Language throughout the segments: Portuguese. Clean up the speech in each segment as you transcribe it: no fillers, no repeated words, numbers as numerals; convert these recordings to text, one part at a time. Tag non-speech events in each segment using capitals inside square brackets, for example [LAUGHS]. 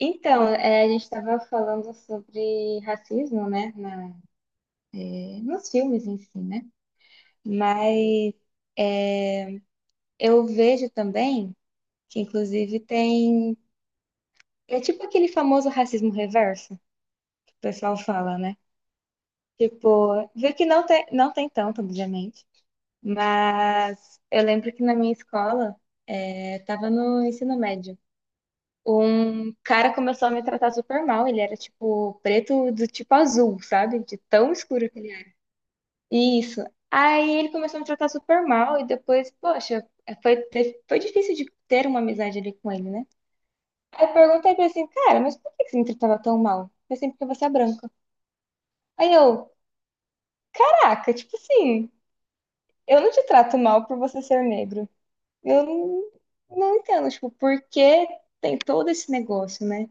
Então, é, a gente estava falando sobre racismo, né, nos filmes em si, né? Mas eu vejo também que, inclusive, tem. É tipo aquele famoso racismo reverso que o pessoal fala, né? Tipo, vê que não tem, não tem tanto, obviamente. Mas eu lembro que na minha escola, eu tava no ensino médio. Um cara começou a me tratar super mal. Ele era tipo preto do tipo azul, sabe? De tão escuro que ele Isso. Aí ele começou a me tratar super mal e depois, poxa, foi difícil de ter uma amizade ali com ele, né? Aí eu perguntei pra ele assim, cara, mas por que que você me tratava tão mal? Foi assim, porque você é branca. Aí eu, caraca, tipo assim, eu não te trato mal por você ser negro. Eu não, não entendo, tipo, por que tem todo esse negócio, né?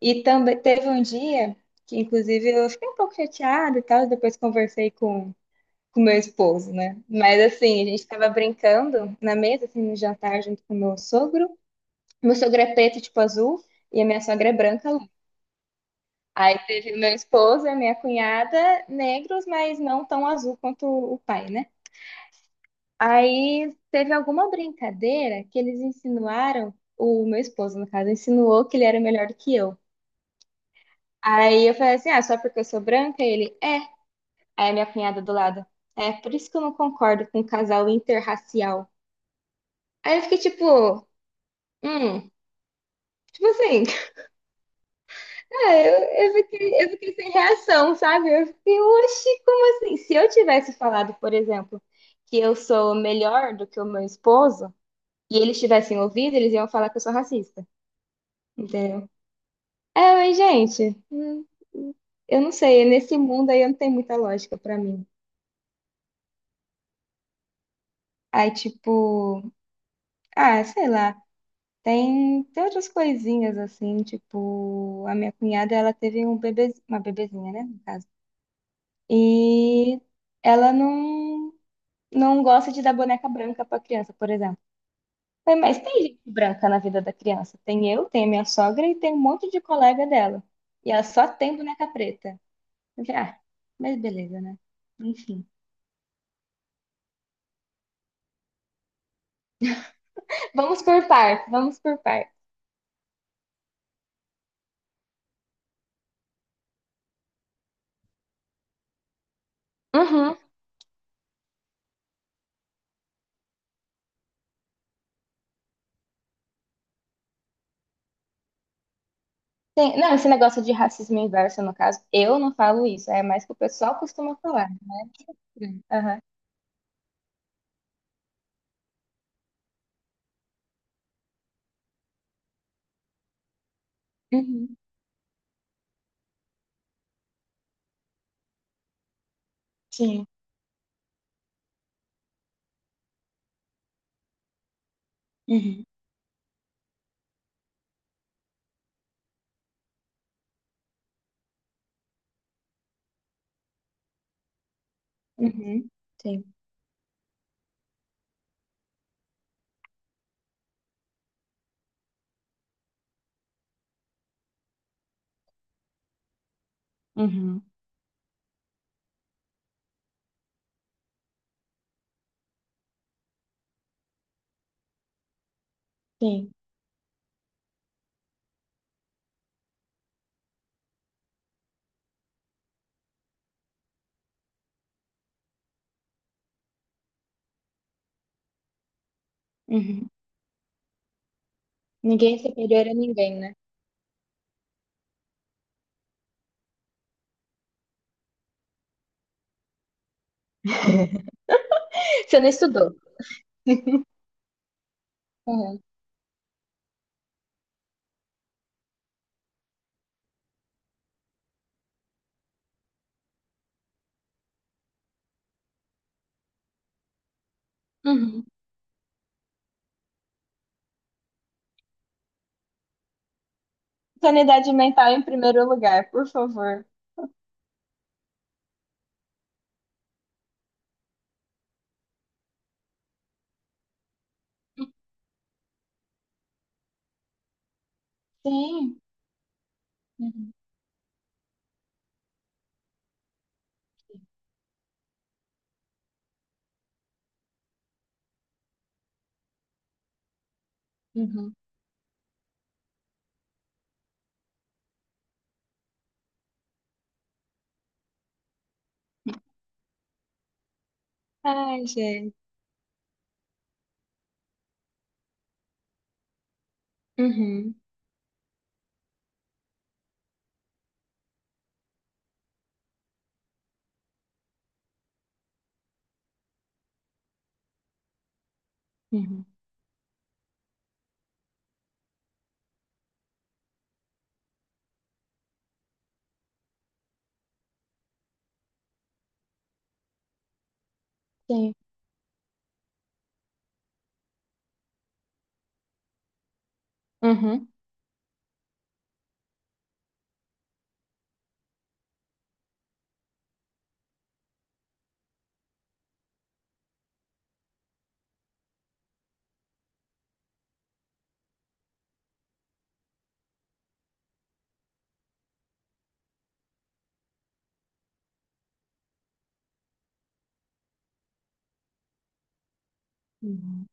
E também teve um dia que, inclusive, eu fiquei um pouco chateada e tal, e depois conversei com meu esposo, né? Mas assim, a gente tava brincando na mesa, assim, no jantar, junto com meu sogro. Meu sogro é preto, tipo azul, e a minha sogra é branca, loira. Aí teve meu esposo e a minha cunhada, negros, mas não tão azul quanto o pai, né? Aí teve alguma brincadeira que eles insinuaram, o meu esposo, no caso, insinuou que ele era melhor do que eu. Aí eu falei assim, ah, só porque eu sou branca? Ele, é. Aí a minha cunhada do lado, é, por isso que eu não concordo com o casal interracial. Aí eu fiquei tipo, Hum, tipo assim, ah, eu fiquei sem reação, sabe? Eu fiquei, oxi, como assim? Se eu tivesse falado, por exemplo, que eu sou melhor do que o meu esposo, e eles tivessem ouvido, eles iam falar que eu sou racista, entendeu? É, mas, gente, eu não sei, nesse mundo aí não tem muita lógica pra mim. Aí, tipo, ah, sei lá, tem outras coisinhas assim, tipo, a minha cunhada, ela teve um bebê, uma bebezinha, né, no caso. E ela não, não gosta de dar boneca branca para criança, por exemplo. Falei, mas tem gente branca na vida da criança. Tem eu, tem a minha sogra e tem um monte de colega dela. E ela só tem boneca preta. Eu falei, ah, mas beleza, né? [LAUGHS] Vamos por parte, vamos por parte. Uhum. Tem- não, esse negócio de racismo inverso, no caso, eu não falo isso, é mais que o pessoal costuma falar. Aham. Uhum. Sim. Uhum. Uhum. Sim. Uhum. Sim. Uhum. Ninguém é superior a ninguém, né? Você não estudou. Uhum. Uhum. Sanidade mental em primeiro lugar, por favor. Sim. Uhum. Uhum. Ai, gente. Uhum. Uhum. Sim. Uhum. Uhum.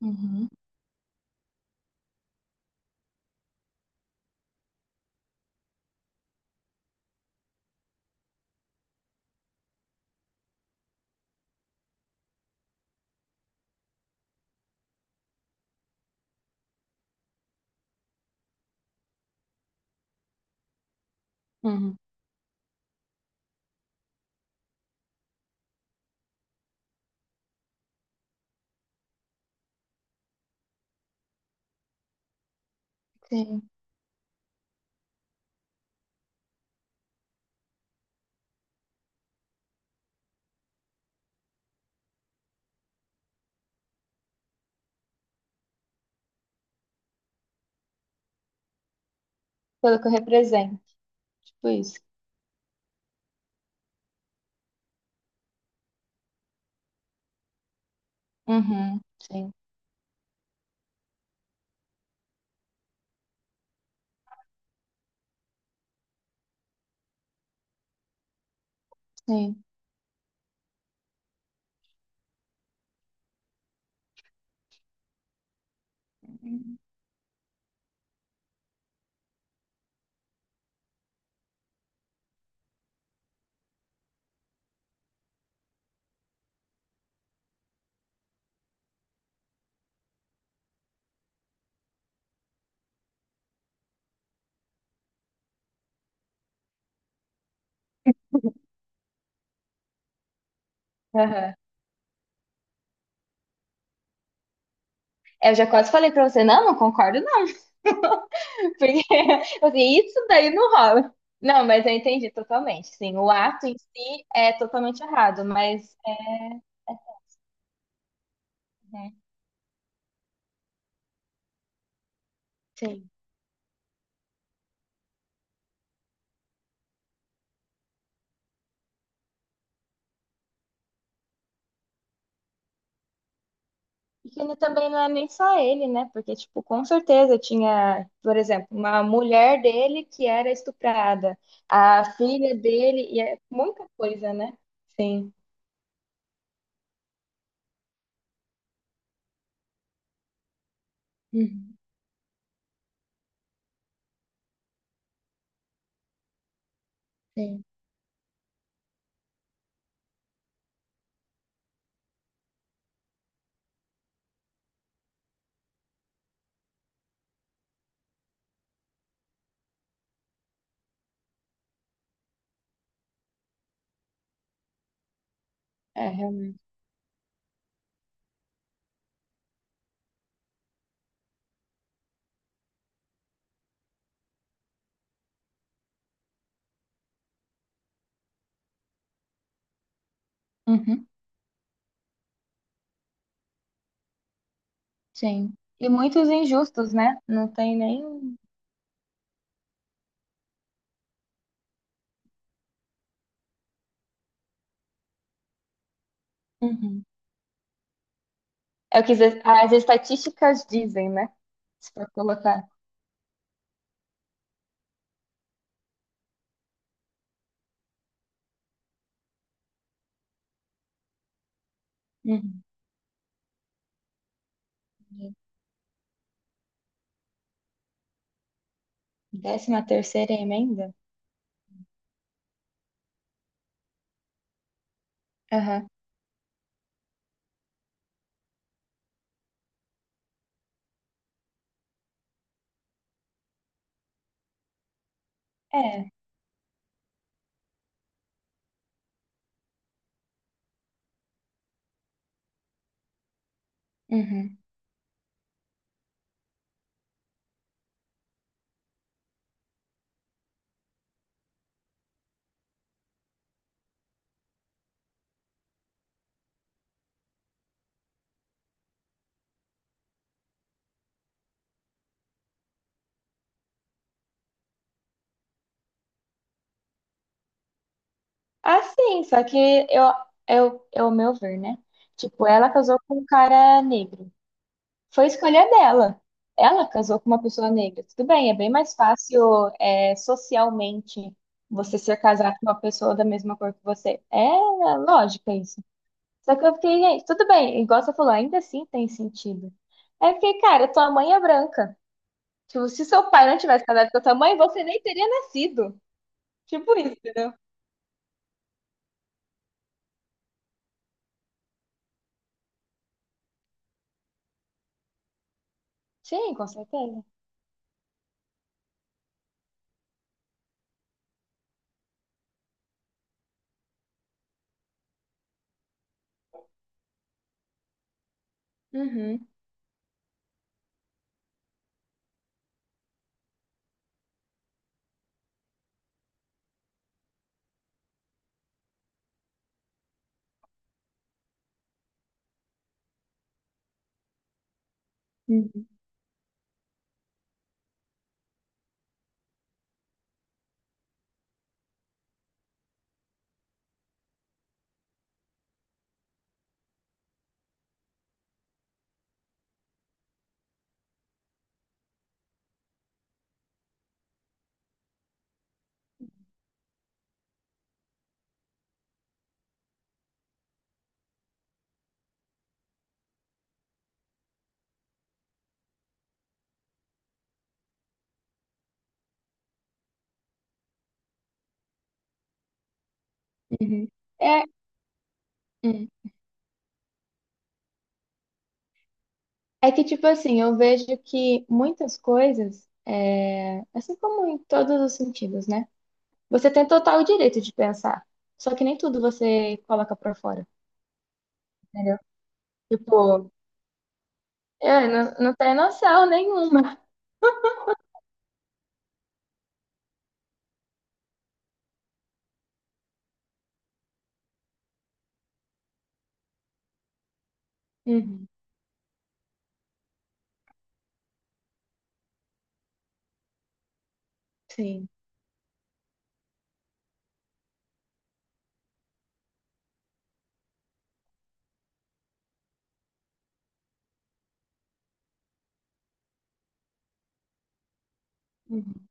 Uhum. Uhum. Sim. Pelo que eu represento. Tipo isso. Uhum. Sim. Sim. Uhum. É, eu já quase falei pra você, não, não concordo, não. [LAUGHS] Porque, [LAUGHS] assim, isso daí não rola. Não, mas eu entendi totalmente. Sim, o ato em si é totalmente errado, mas é. Né, sim. E que ele também não é nem só ele, né? Porque, tipo, com certeza tinha, por exemplo, uma mulher dele que era estuprada, a filha dele, e é muita coisa, né? Sim, uhum, sim. É realmente. Uhum, sim. E muitos injustos, né? Não tem nem. Uhum. É o que as as estatísticas dizem, né? Se for colocar. Uhum. Décima terceira emenda? Aham. É. Uhum. Ah, sim, só que eu, eu, é o meu ver, né? Tipo, ela casou com um cara negro. Foi escolha dela. Ela casou com uma pessoa negra. Tudo bem, é bem mais fácil, é, socialmente você ser casado com uma pessoa da mesma cor que você. É lógica isso. Só que eu fiquei, gente, tudo bem, igual você falou, ainda assim tem sentido. Aí eu fiquei, cara, tua mãe é branca. Tipo, se seu pai não tivesse casado com a tua mãe, você nem teria nascido. Tipo isso, entendeu? Sim, com certeza. Uhum, uhum, uhum, é, uhum. É que, tipo assim, eu vejo que muitas coisas, é, assim como em todos os sentidos, né? Você tem total direito de pensar. Só que nem tudo você coloca pra fora, entendeu? Tipo, eu não, não tenho noção nenhuma. Uhum. Sim. Uhum.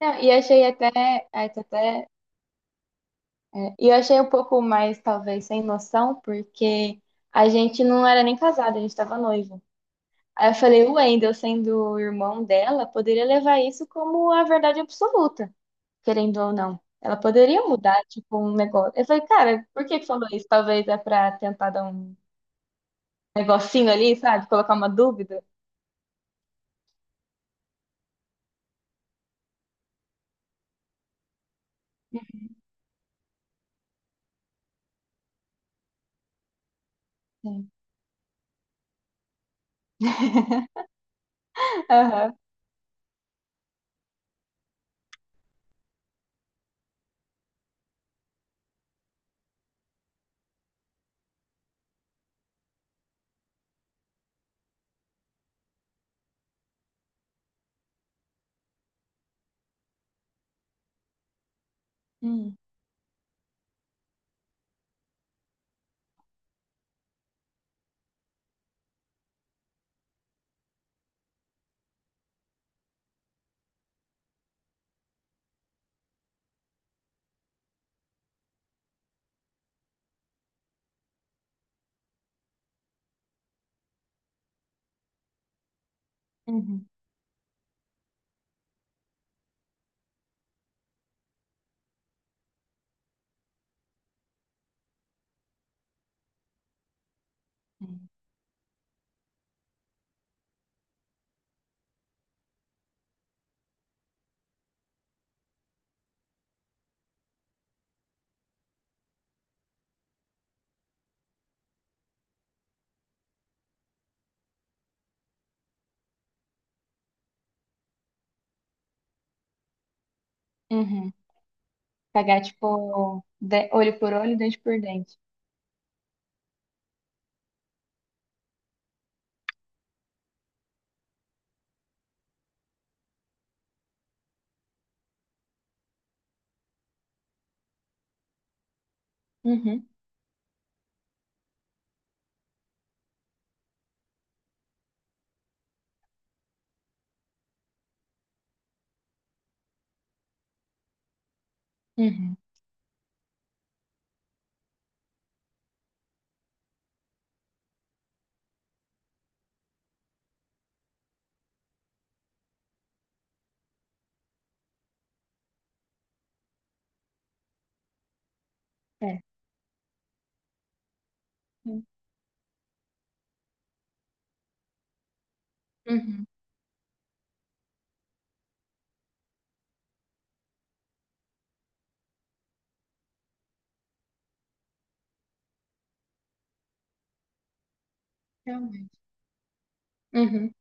Não, e achei até, aí tô até, e eu achei um pouco mais, talvez, sem noção, porque a gente não era nem casado, a gente estava noivo. Aí eu falei, o Wendel, sendo o irmão dela, poderia levar isso como a verdade absoluta, querendo ou não. Ela poderia mudar, tipo, um negócio. Eu falei, cara, por que que falou isso? Talvez é pra tentar dar um negocinho ali, sabe? Colocar uma dúvida. Sim. Aham. Uhum. Uhum. Uhum. Pagar, tipo, olho por olho, dente por dente. Uhum, uhum, é. Uhum, uhum, realmente. Uhum,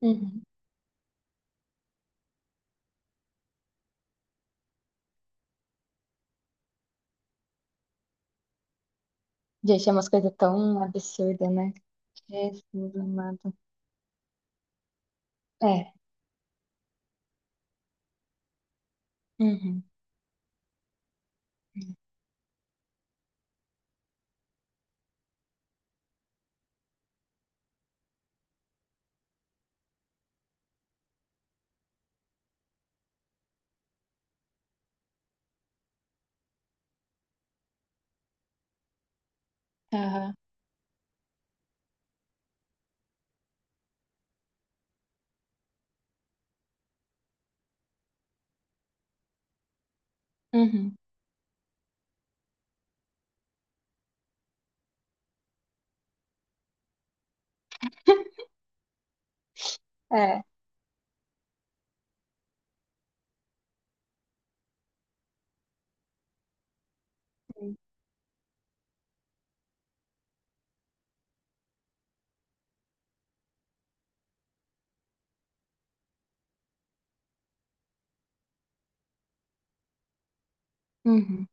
uhum. Gente, é umas coisas tão absurdas, né? Jesus amado. É. Uhum, aham, uhum. [LAUGHS] É. Uhum.